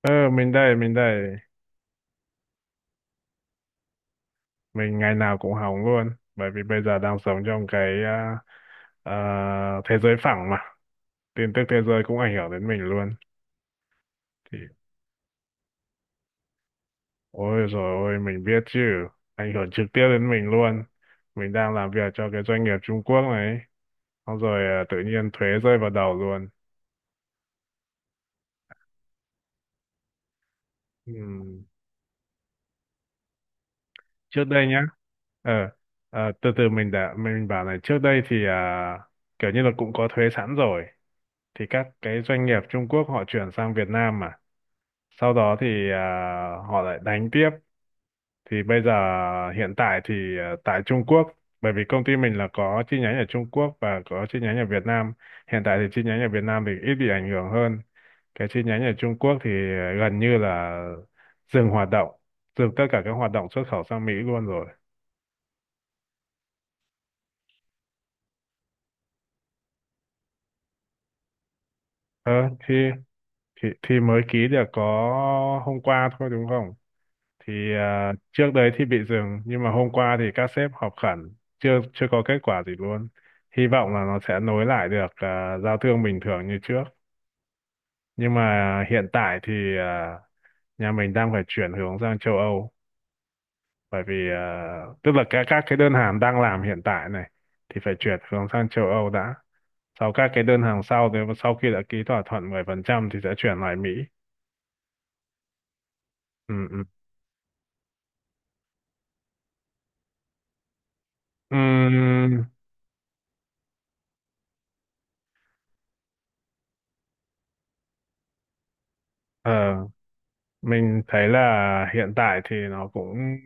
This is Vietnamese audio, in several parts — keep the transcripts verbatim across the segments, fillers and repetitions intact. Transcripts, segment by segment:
Ờ, mình đây, mình đây. Mình ngày nào cũng hóng luôn. Bởi vì bây giờ đang sống trong cái à, à, thế giới phẳng mà. Tin tức thế giới cũng ảnh hưởng đến mình luôn. Thì, ôi rồi ôi, mình biết chứ. Ảnh hưởng trực tiếp đến mình luôn. Mình đang làm việc cho cái doanh nghiệp Trung Quốc này. Xong rồi à, tự nhiên thuế rơi vào đầu luôn. Ừm, Trước đây nhá. Ờ, à, từ từ mình đã, mình bảo này. Trước đây thì à, kiểu như là cũng có thuế sẵn rồi. Thì các cái doanh nghiệp Trung Quốc họ chuyển sang Việt Nam mà sau đó thì à, họ lại đánh tiếp thì bây giờ hiện tại thì à, tại Trung Quốc, bởi vì công ty mình là có chi nhánh ở Trung Quốc và có chi nhánh ở Việt Nam. Hiện tại thì chi nhánh ở Việt Nam thì ít bị ảnh hưởng hơn, cái chi nhánh ở Trung Quốc thì à, gần như là dừng hoạt động, dừng tất cả các hoạt động xuất khẩu sang Mỹ luôn rồi. Ờ, thì thì thì mới ký được có hôm qua thôi đúng không. Thì à, trước đấy thì bị dừng nhưng mà hôm qua thì các sếp họp khẩn, chưa chưa có kết quả gì luôn. Hy vọng là nó sẽ nối lại được à, giao thương bình thường như trước, nhưng mà hiện tại thì à, nhà mình đang phải chuyển hướng sang châu Âu. Bởi vì à, tức là các các cái đơn hàng đang làm hiện tại này thì phải chuyển hướng sang châu Âu đã. Sau các cái đơn hàng sau thì sau khi đã ký thỏa thuận mười phần trăm thì sẽ chuyển lại Mỹ. Ừ ừ ừ. Mình thấy là hiện tại thì nó cũng,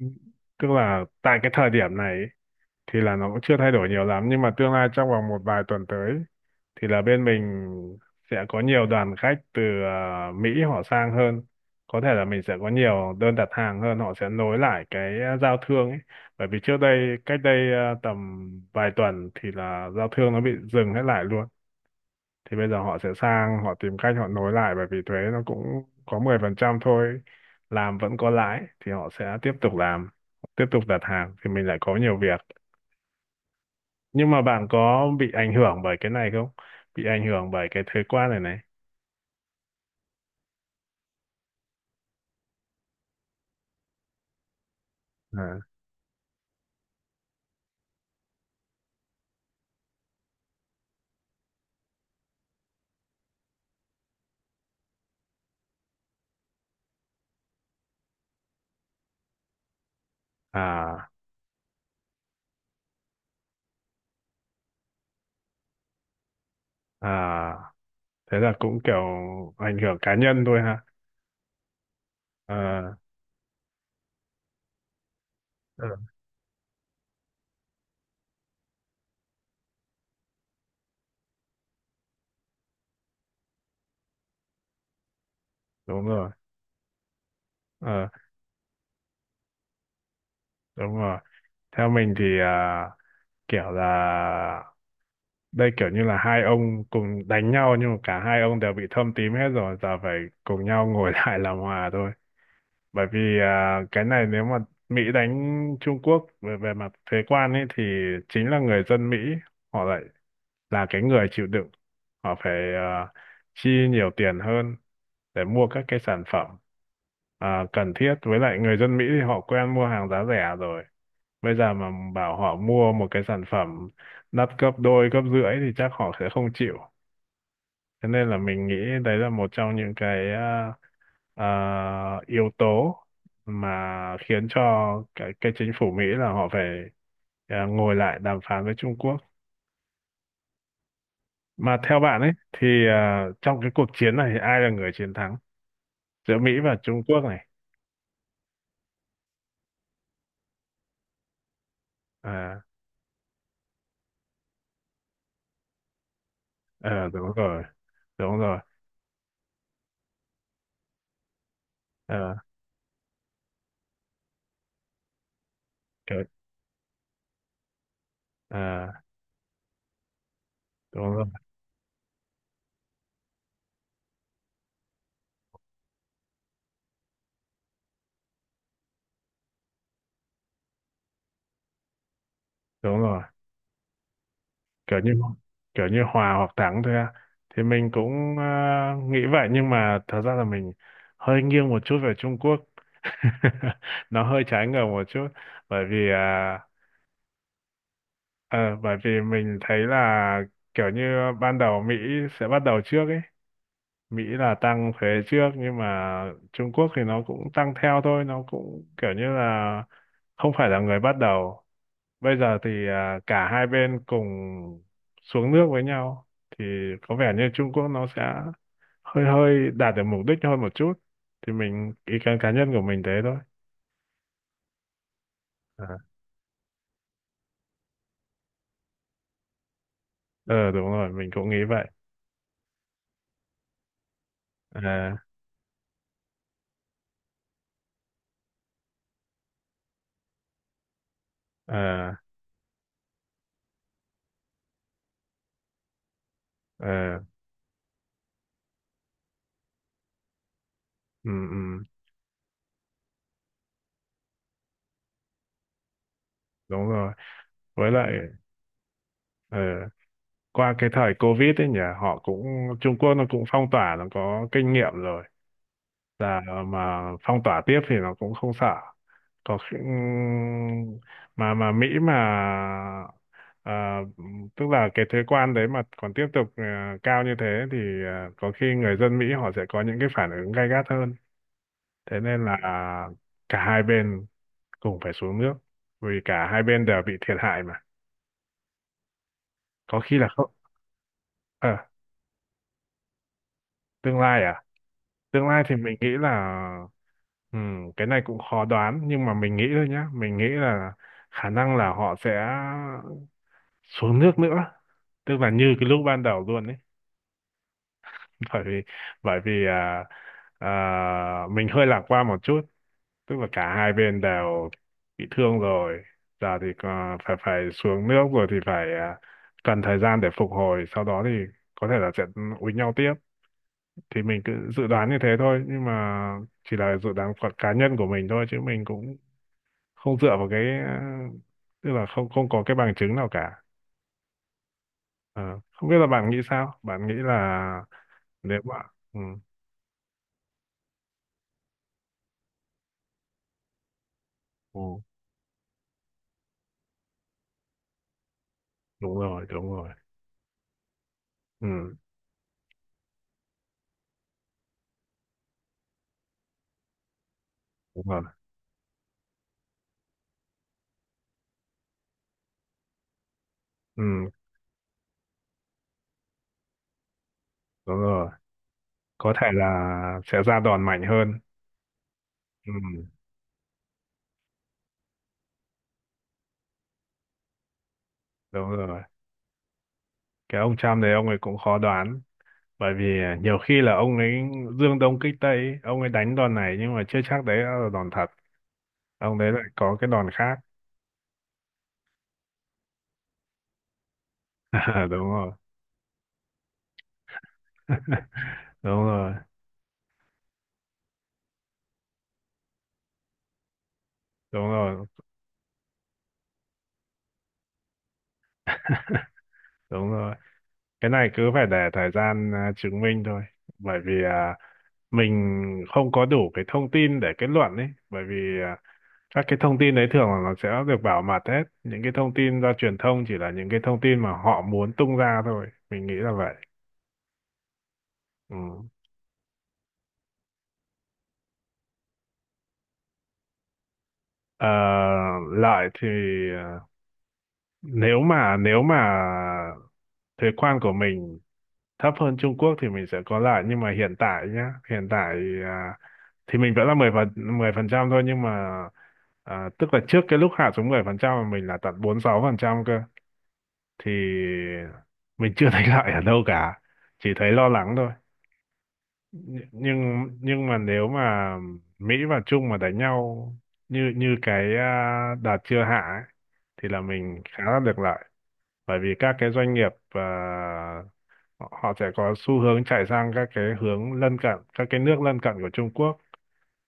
tức là tại cái thời điểm này ý, thì là nó cũng chưa thay đổi nhiều lắm, nhưng mà tương lai trong vòng một vài tuần tới thì là bên mình sẽ có nhiều đoàn khách từ à, Mỹ họ sang hơn. Có thể là mình sẽ có nhiều đơn đặt hàng hơn, họ sẽ nối lại cái ờ, giao thương ấy. Bởi vì trước đây cách đây à, tầm vài tuần thì là giao thương nó bị dừng hết lại luôn, thì bây giờ họ sẽ sang họ tìm cách họ nối lại, bởi vì thuế nó cũng có mười phần trăm thôi, làm vẫn có lãi thì họ sẽ tiếp tục làm, tiếp tục đặt hàng thì mình lại có nhiều việc. Nhưng mà bạn có bị ảnh hưởng bởi cái này không, bị ảnh hưởng bởi cái thuế quan này này? À, à, à. Thế là cũng kiểu ảnh hưởng cá nhân thôi ha. Ờ. Ừ. Đúng rồi. Ờ. Đúng rồi. Theo mình thì à, kiểu là đây kiểu như là hai ông cùng đánh nhau nhưng mà cả hai ông đều bị thâm tím hết rồi, giờ phải cùng nhau ngồi lại làm hòa thôi. Bởi vì à, cái này nếu mà Mỹ đánh Trung Quốc về về mặt thuế quan ấy thì chính là người dân Mỹ họ lại là cái người chịu đựng, họ phải à, chi nhiều tiền hơn để mua các cái sản phẩm à, cần thiết. Với lại người dân Mỹ thì họ quen mua hàng giá rẻ rồi, bây giờ mà bảo họ mua một cái sản phẩm đắt gấp đôi gấp rưỡi thì chắc họ sẽ không chịu. Thế nên là mình nghĩ đấy là một trong những cái à, à, yếu tố mà khiến cho cái, cái chính phủ Mỹ là họ phải à, ngồi lại đàm phán với Trung Quốc. Mà theo bạn ấy thì à, trong cái cuộc chiến này thì ai là người chiến thắng giữa Mỹ và Trung Quốc này? À, ờ, đúng rồi, đúng rồi. Ờ, kiểu- à, đúng rồi, đúng rồi. kiểu như kiểu như hòa hoặc thắng thôi à. Thì mình cũng à, nghĩ vậy, nhưng mà thật ra là mình hơi nghiêng một chút về Trung Quốc. Nó hơi trái ngược một chút, bởi vì à, ờ, bởi vì mình thấy là kiểu như ban đầu Mỹ sẽ bắt đầu trước ấy, Mỹ là tăng thuế trước nhưng mà Trung Quốc thì nó cũng tăng theo thôi, nó cũng kiểu như là không phải là người bắt đầu. Bây giờ thì à, cả hai bên cùng xuống nước với nhau thì có vẻ như Trung Quốc nó sẽ hơi hơi đạt được mục đích hơn một chút. Thì mình, ý kiến cá nhân của mình thế thôi. À, ờ, đúng rồi, mình cũng nghĩ vậy. À, à, à, ừ, ừ, đúng rồi. Với lại ờ qua cái thời Covid ấy nhỉ, họ cũng, Trung Quốc nó cũng phong tỏa, nó có kinh nghiệm rồi, là mà phong tỏa tiếp thì nó cũng không sợ. có khi- mà mà Mỹ mà à, tức là cái thuế quan đấy mà còn tiếp tục à, cao như thế thì à, có khi người dân Mỹ họ sẽ có những cái phản ứng gay gắt hơn. Thế nên là à, cả hai bên cùng phải xuống nước, vì cả hai bên đều bị thiệt hại mà. Có khi là không. Ờ, tương lai à? Tương lai thì mình nghĩ là ừm, cái này cũng khó đoán, nhưng mà mình nghĩ thôi nhá, mình nghĩ là khả năng là họ sẽ xuống nước nữa, tức là như cái lúc ban đầu luôn ấy. Bởi vì bởi vì à, à, mình hơi lạc quan một chút, tức là cả hai bên đều bị thương rồi, giờ thì à, phải phải xuống nước rồi thì phải à, cần thời gian để phục hồi, sau đó thì có thể là sẽ úi nhau tiếp. Thì mình cứ dự đoán như thế thôi, nhưng mà chỉ là dự đoán của cá nhân của mình thôi, chứ mình cũng không dựa vào cái à, tức là không không có cái bằng chứng nào cả. Ờ, không biết là bạn nghĩ sao, bạn nghĩ là nếu mà, ừ. Ừ, đúng rồi, đúng rồi. Ừ, đúng rồi. Ừ, đúng rồi. Có thể là sẽ ra đòn mạnh hơn. Ừ, đúng rồi. Cái ông Trump đấy ông ấy cũng khó đoán. Bởi vì nhiều khi là ông ấy dương đông kích tây, ấy, ông ấy đánh đòn này nhưng mà chưa chắc đấy là đòn thật. Ông đấy lại có cái đòn khác. Đúng rồi. Đúng rồi. Đúng rồi. Đúng rồi. Cái này cứ phải để thời gian à, chứng minh thôi, bởi vì à, mình không có đủ cái thông tin để kết luận ấy, bởi vì à, các cái thông tin đấy thường là nó sẽ được bảo mật hết, những cái thông tin do truyền thông chỉ là những cái thông tin mà họ muốn tung ra thôi, mình nghĩ là vậy. Ừ. Ờ, lợi thì à, nếu mà nếu mà thuế quan của mình thấp hơn Trung Quốc thì mình sẽ có lại, nhưng mà hiện tại nhá, hiện tại à, thì mình vẫn là mười phần mười phần trăm thôi, nhưng mà à, tức là trước cái lúc hạ xuống mười phần trăm mà mình là tận bốn mươi sáu phần trăm cơ, thì mình chưa thấy lại ở đâu cả, chỉ thấy lo lắng thôi. Nh- nhưng nhưng mà nếu mà Mỹ và Trung mà đánh nhau như như cái à, đợt chưa hạ ấy, thì là mình khá là được lợi. Bởi vì các cái doanh nghiệp à, họ họ sẽ có xu hướng chạy sang các cái hướng lân cận, các cái nước lân cận của Trung Quốc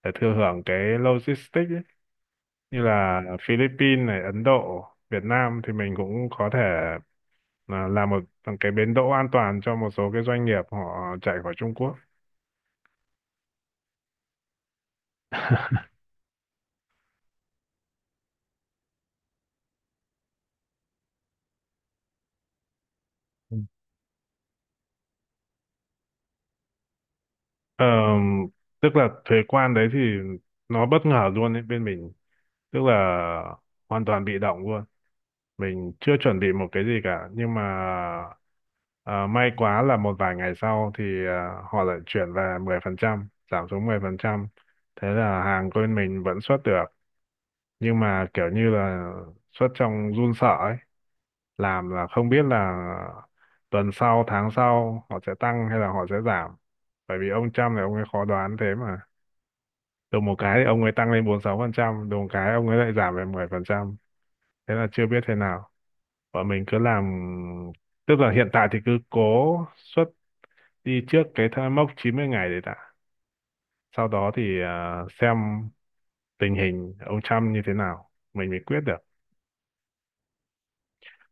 để thừa hưởng cái logistics ấy. Như là Philippines này, Ấn Độ, Việt Nam thì mình cũng có thể à, làm một cái bến đỗ an toàn cho một số cái doanh nghiệp họ chạy khỏi Trung Quốc. Ờ, tức là thuế quan đấy thì nó bất ngờ luôn ấy, bên mình tức là hoàn toàn bị động luôn, mình chưa chuẩn bị một cái gì cả. Nhưng mà ờ, may quá là một vài ngày sau thì ờ, họ lại chuyển về mười phần trăm, giảm xuống mười phần trăm, thế là hàng của bên mình vẫn xuất được, nhưng mà kiểu như là xuất trong run sợ ấy, làm là không biết là tuần sau tháng sau họ sẽ tăng hay là họ sẽ giảm. Bởi vì ông Trump này ông ấy khó đoán thế mà, đùng một cái thì ông ấy tăng lên bốn mươi sáu phần trăm, đùng một cái ông ấy lại giảm về mười phần trăm, thế là chưa biết thế nào. Bọn mình cứ làm, tức là hiện tại thì cứ cố xuất đi trước cái thai- mốc chín mươi ngày đấy đã, sau đó thì à, xem tình hình ông Trump như thế nào mình mới quyết được.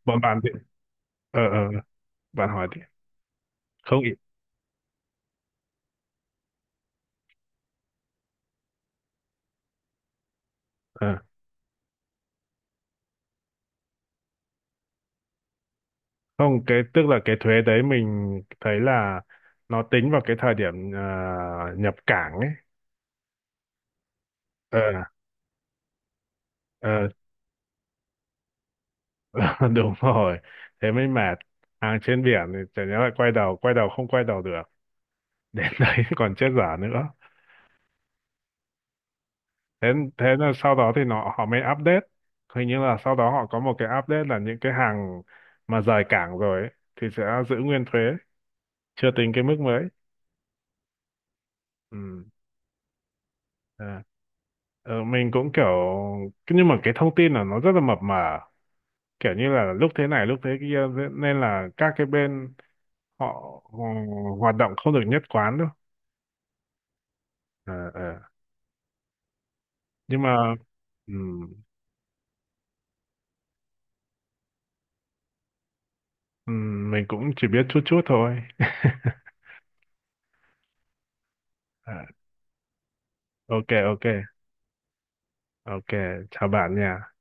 Bọn bạn thì ờ ờ ờ, bạn hỏi đi. Không ý. Không, cái tức là cái thuế đấy mình thấy là nó tính vào cái thời điểm ờ, nhập cảng ấy. Ờ, ờ, đúng rồi. Thế mới mệt. Hàng trên biển thì chả nhẽ lại quay đầu, quay đầu không quay đầu được. Đến đấy còn chết dở nữa. Thế thế là sau đó thì nó, họ mới update. Hình như là sau đó họ có một cái update là những cái hàng mà rời cảng rồi ấy, thì sẽ giữ nguyên thuế, chưa tính cái mức mới. Ừ. À. Ờ, mình cũng kiểu, nhưng mà cái thông tin là nó rất là mập mờ, kiểu như là lúc thế này lúc thế kia nên là các cái bên họ ờ, hoạt động không được nhất quán đâu. Ờ, ờ. Nhưng mà ừm, ừm, mình cũng chỉ biết chút chút thôi. Ờ, ok ok ok, chào bạn nha